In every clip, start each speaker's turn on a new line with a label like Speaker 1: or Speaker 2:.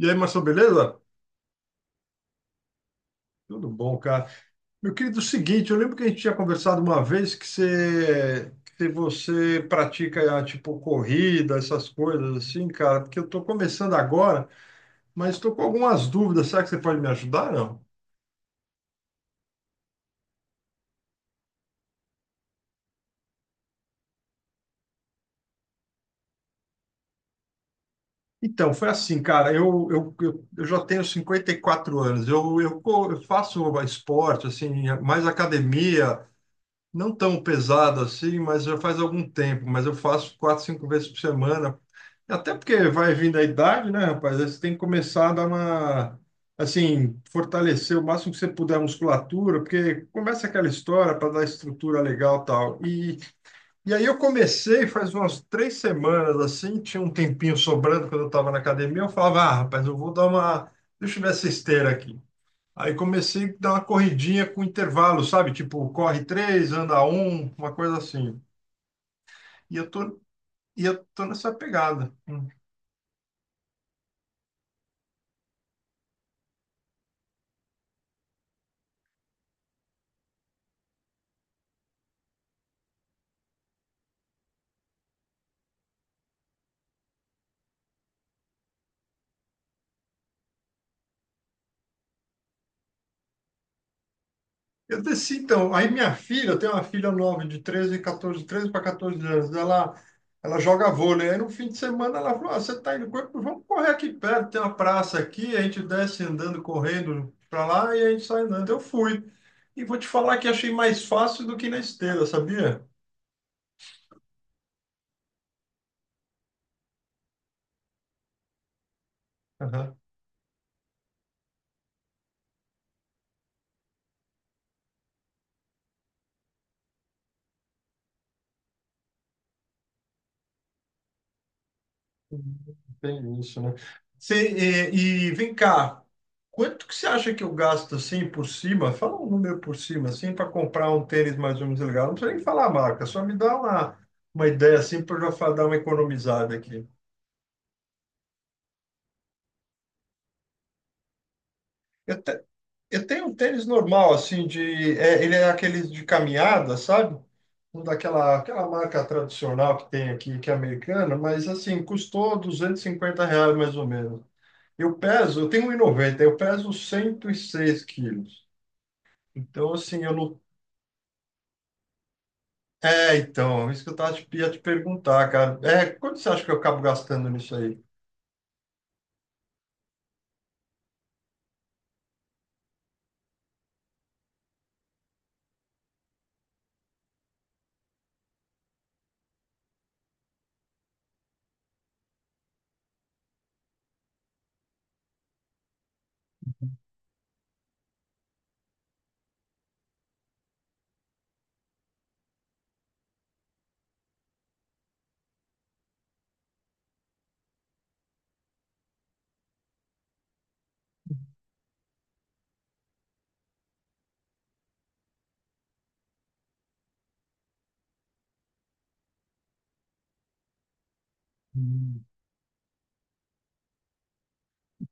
Speaker 1: E aí, Marcelo, beleza? Tudo bom, cara. Meu querido, é o seguinte, eu lembro que a gente tinha conversado uma vez que você pratica, tipo, corrida, essas coisas assim, cara, porque eu tô começando agora, mas tô com algumas dúvidas. Será que você pode me ajudar, não? Então, foi assim, cara, eu já tenho 54 anos, eu faço esporte, assim, mais academia, não tão pesado assim, mas já faz algum tempo, mas eu faço 4, 5 vezes por semana. Até porque vai vindo a idade, né, rapaz? Aí você tem que começar a dar uma, assim, fortalecer o máximo que você puder a musculatura, porque começa aquela história para dar estrutura legal e tal. E aí eu comecei faz umas 3 semanas, assim, tinha um tempinho sobrando quando eu estava na academia, eu falava, ah, rapaz, eu vou dar uma, deixa eu ver essa esteira aqui. Aí comecei a dar uma corridinha com intervalo, sabe? Tipo, corre três, anda um, uma coisa assim. E eu tô, e eu tô nessa pegada. Eu desci, então. Aí minha filha, eu tenho uma filha nova de 13, 14, 13 para 14 anos. Ela joga vôlei. Aí no fim de semana ela falou: ah, você está indo correr? Vamos correr aqui perto, tem uma praça aqui. A gente desce andando, correndo para lá e a gente sai andando. Eu fui. E vou te falar que achei mais fácil do que na esteira, sabia? Tem isso, né? Cê, e vem cá, quanto que você acha que eu gasto assim por cima? Fala um número por cima, assim, para comprar um tênis mais ou menos legal. Não precisa nem falar a marca, só me dá uma ideia assim para eu dar uma economizada aqui. Eu, te- eu tenho um tênis normal, assim, de. É, ele é aquele de caminhada, sabe? Um daquela aquela marca tradicional que tem aqui, que é americana, mas assim, custou R$ 250 mais ou menos. Eu peso, eu tenho 1,90, eu peso 106 quilos. Então, assim, eu não. É, então, isso que eu tava te, ia te perguntar, cara. É, quanto você acha que eu acabo gastando nisso aí?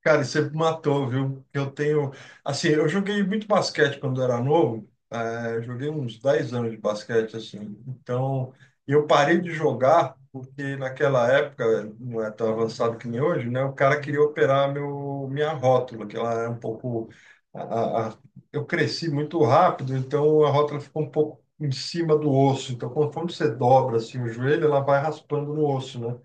Speaker 1: Cara, você me matou, viu? Eu tenho. Assim, eu joguei muito basquete quando era novo. Joguei uns 10 anos de basquete, assim. Então, eu parei de jogar porque naquela época, não é tão avançado que nem hoje, né? O cara queria operar minha rótula, que ela é um pouco. a- a- a- eu cresci muito rápido, então a rótula ficou um pouco em cima do osso. Então, conforme você dobra assim, o joelho, ela vai raspando no osso, né?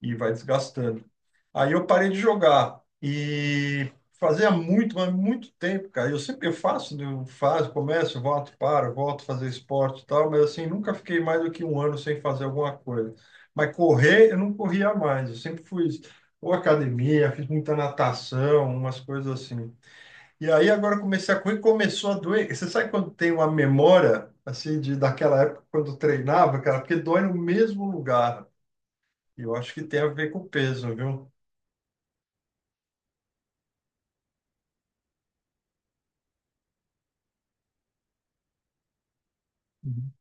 Speaker 1: E vai desgastando. Aí eu parei de jogar e fazia muito, mas muito tempo, cara. Eu faço, né, eu faço, começo, volto, paro, volto a fazer esporte e tal, mas assim, nunca fiquei mais do que um ano sem fazer alguma coisa. Mas correr, eu não corria mais. Eu sempre fui ou academia, fiz muita natação, umas coisas assim. E aí agora eu comecei a correr, e começou a doer. Você sabe quando tem uma memória assim de daquela época quando eu treinava, cara, porque dói no mesmo lugar. E eu acho que tem a ver com o peso, viu? Uhum.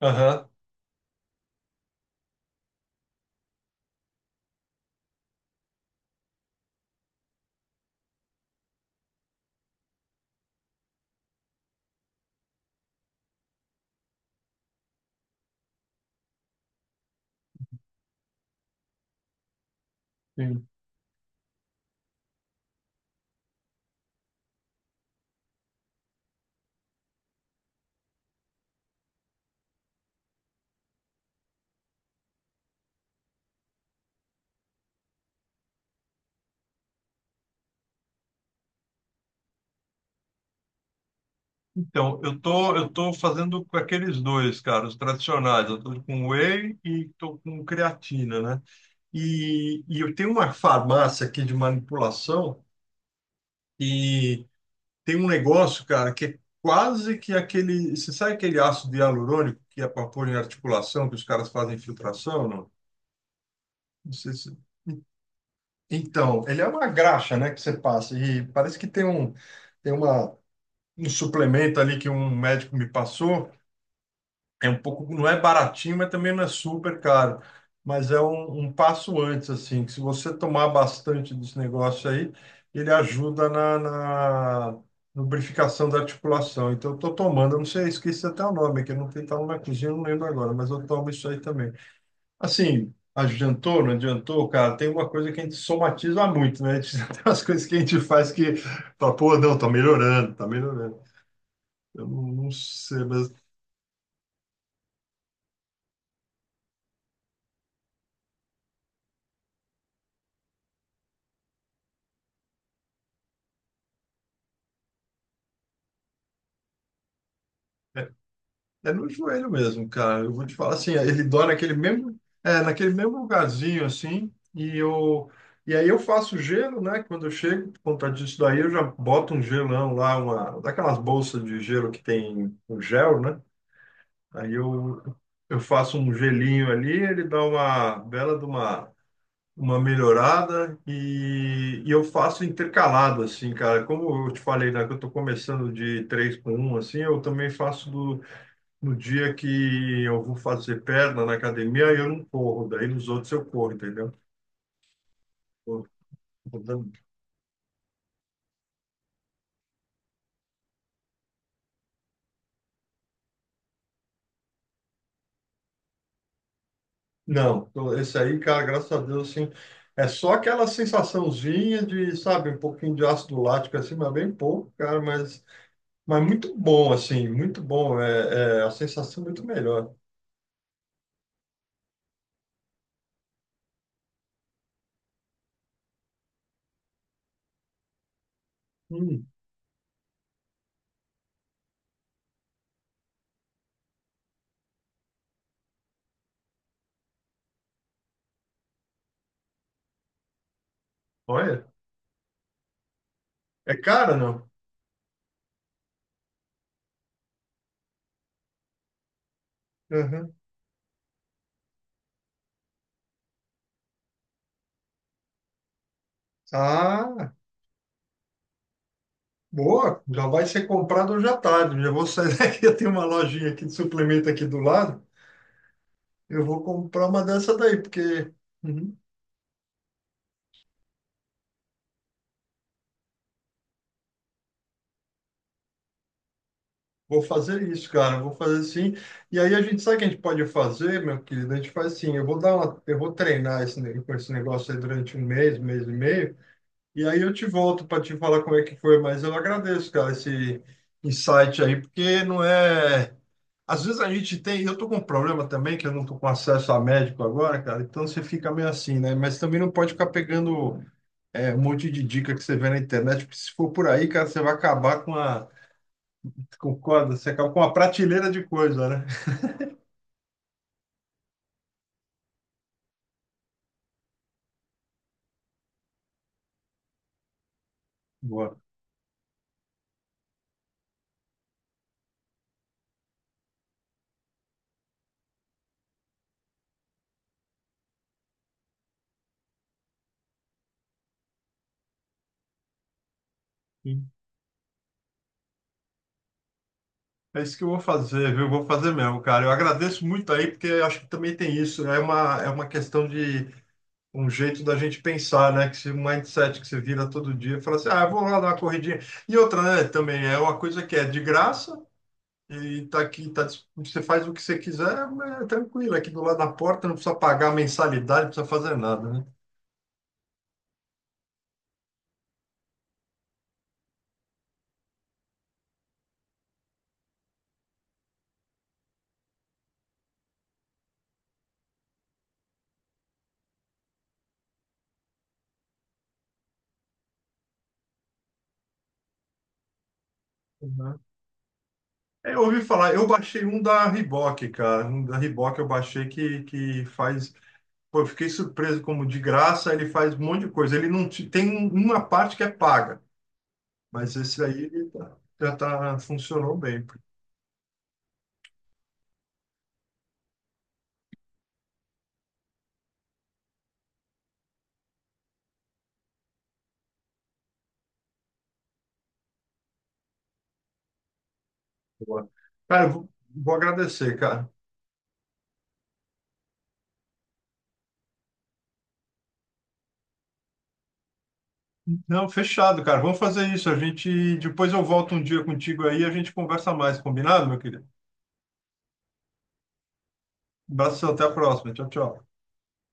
Speaker 1: Aham. Sim. Então, eu tô fazendo com aqueles dois, cara, os tradicionais. Eu tô com whey e tô com creatina, né? E eu tenho uma farmácia aqui de manipulação e tem um negócio, cara, que é quase que aquele... Você sabe aquele ácido hialurônico que é para pôr em articulação, que os caras fazem infiltração, não? Não sei se... Então, ele é uma graxa, né, que você passa. E parece que tem um, tem uma, um suplemento ali que um médico me passou. É um pouco, não é baratinho, mas também não é super caro. Mas é um, um passo antes, assim, que se você tomar bastante desse negócio aí, ele ajuda na lubrificação da articulação. Então, eu estou tomando, eu não sei, esqueci até o nome, que eu não tenho, tá na cozinha, eu não lembro agora, mas eu tomo isso aí também. Assim, adiantou, não adiantou, cara, tem uma coisa que a gente somatiza muito, né? A gente tem umas coisas que a gente faz que, fala, pô, não, tá melhorando, tá melhorando. Eu não, não sei, mas. É no joelho mesmo, cara. Eu vou te falar assim, ele dói naquele mesmo, é, naquele mesmo lugarzinho assim, e aí eu faço gelo, né? Quando eu chego, por conta disso daí, eu já boto um gelão lá, uma daquelas bolsas de gelo que tem o gel, né? Aí eu faço um gelinho ali, ele dá uma bela de uma melhorada e eu faço intercalado assim, cara. Como eu te falei, né, que eu tô começando de 3 com um assim, eu também faço do no dia que eu vou fazer perna na academia, aí eu não corro, daí nos outros eu corro, entendeu? Tô- tô dando- Não, esse aí, cara, graças a Deus, assim, é só aquela sensaçãozinha de, sabe, um pouquinho de ácido lático, assim, mas bem pouco, cara, mas muito bom, assim, muito bom, é, é a sensação é muito melhor. Hum, olha, é cara, não? Uhum. Ah, boa, já vai ser comprado hoje à tarde, já vou sair daqui, eu tenho uma lojinha aqui de suplemento aqui do lado. Eu vou comprar uma dessa daí, porque uhum, vou fazer isso, cara. Vou fazer sim. E aí a gente sabe o que a gente pode fazer, meu querido? A gente faz assim, eu vou dar uma, eu vou treinar com esse negócio aí durante um mês, mês e meio, e aí eu te volto para te falar como é que foi, mas eu agradeço, cara, esse insight aí, porque não é. Às vezes a gente tem, eu tô com um problema também, que eu não tô com acesso a médico agora, cara, então você fica meio assim, né? Mas também não pode ficar pegando. É, um monte de dica que você vê na internet, porque se for por aí, cara, você vai acabar com a, concorda? Você acaba com uma prateleira de coisa, né? Boa. Sim. É isso que eu vou fazer, viu? Eu vou fazer mesmo, cara. Eu agradeço muito aí, porque eu acho que também tem isso, né? É uma questão de um jeito da gente pensar, né? Que esse mindset que você vira todo dia, fala assim, ah, eu vou lá dar uma corridinha. E outra, né, também é uma coisa que é de graça e tá aqui, tá, você faz o que você quiser, é tranquilo, aqui do lado da porta, não precisa pagar mensalidade, não precisa fazer nada, né? Uhum. É, eu ouvi falar, eu baixei um da Reebok, cara. Um da Reebok eu baixei que faz. Pô, eu fiquei surpreso como de graça ele faz um monte de coisa. Ele não te- tem um- uma parte que é paga, mas esse aí já tá, funcionou bem. Boa. Cara, vou agradecer, cara. Não, fechado, cara. Vamos fazer isso. A gente depois eu volto um dia contigo aí e a gente conversa mais, combinado, meu querido? Um abraço, até a próxima. Tchau, tchau.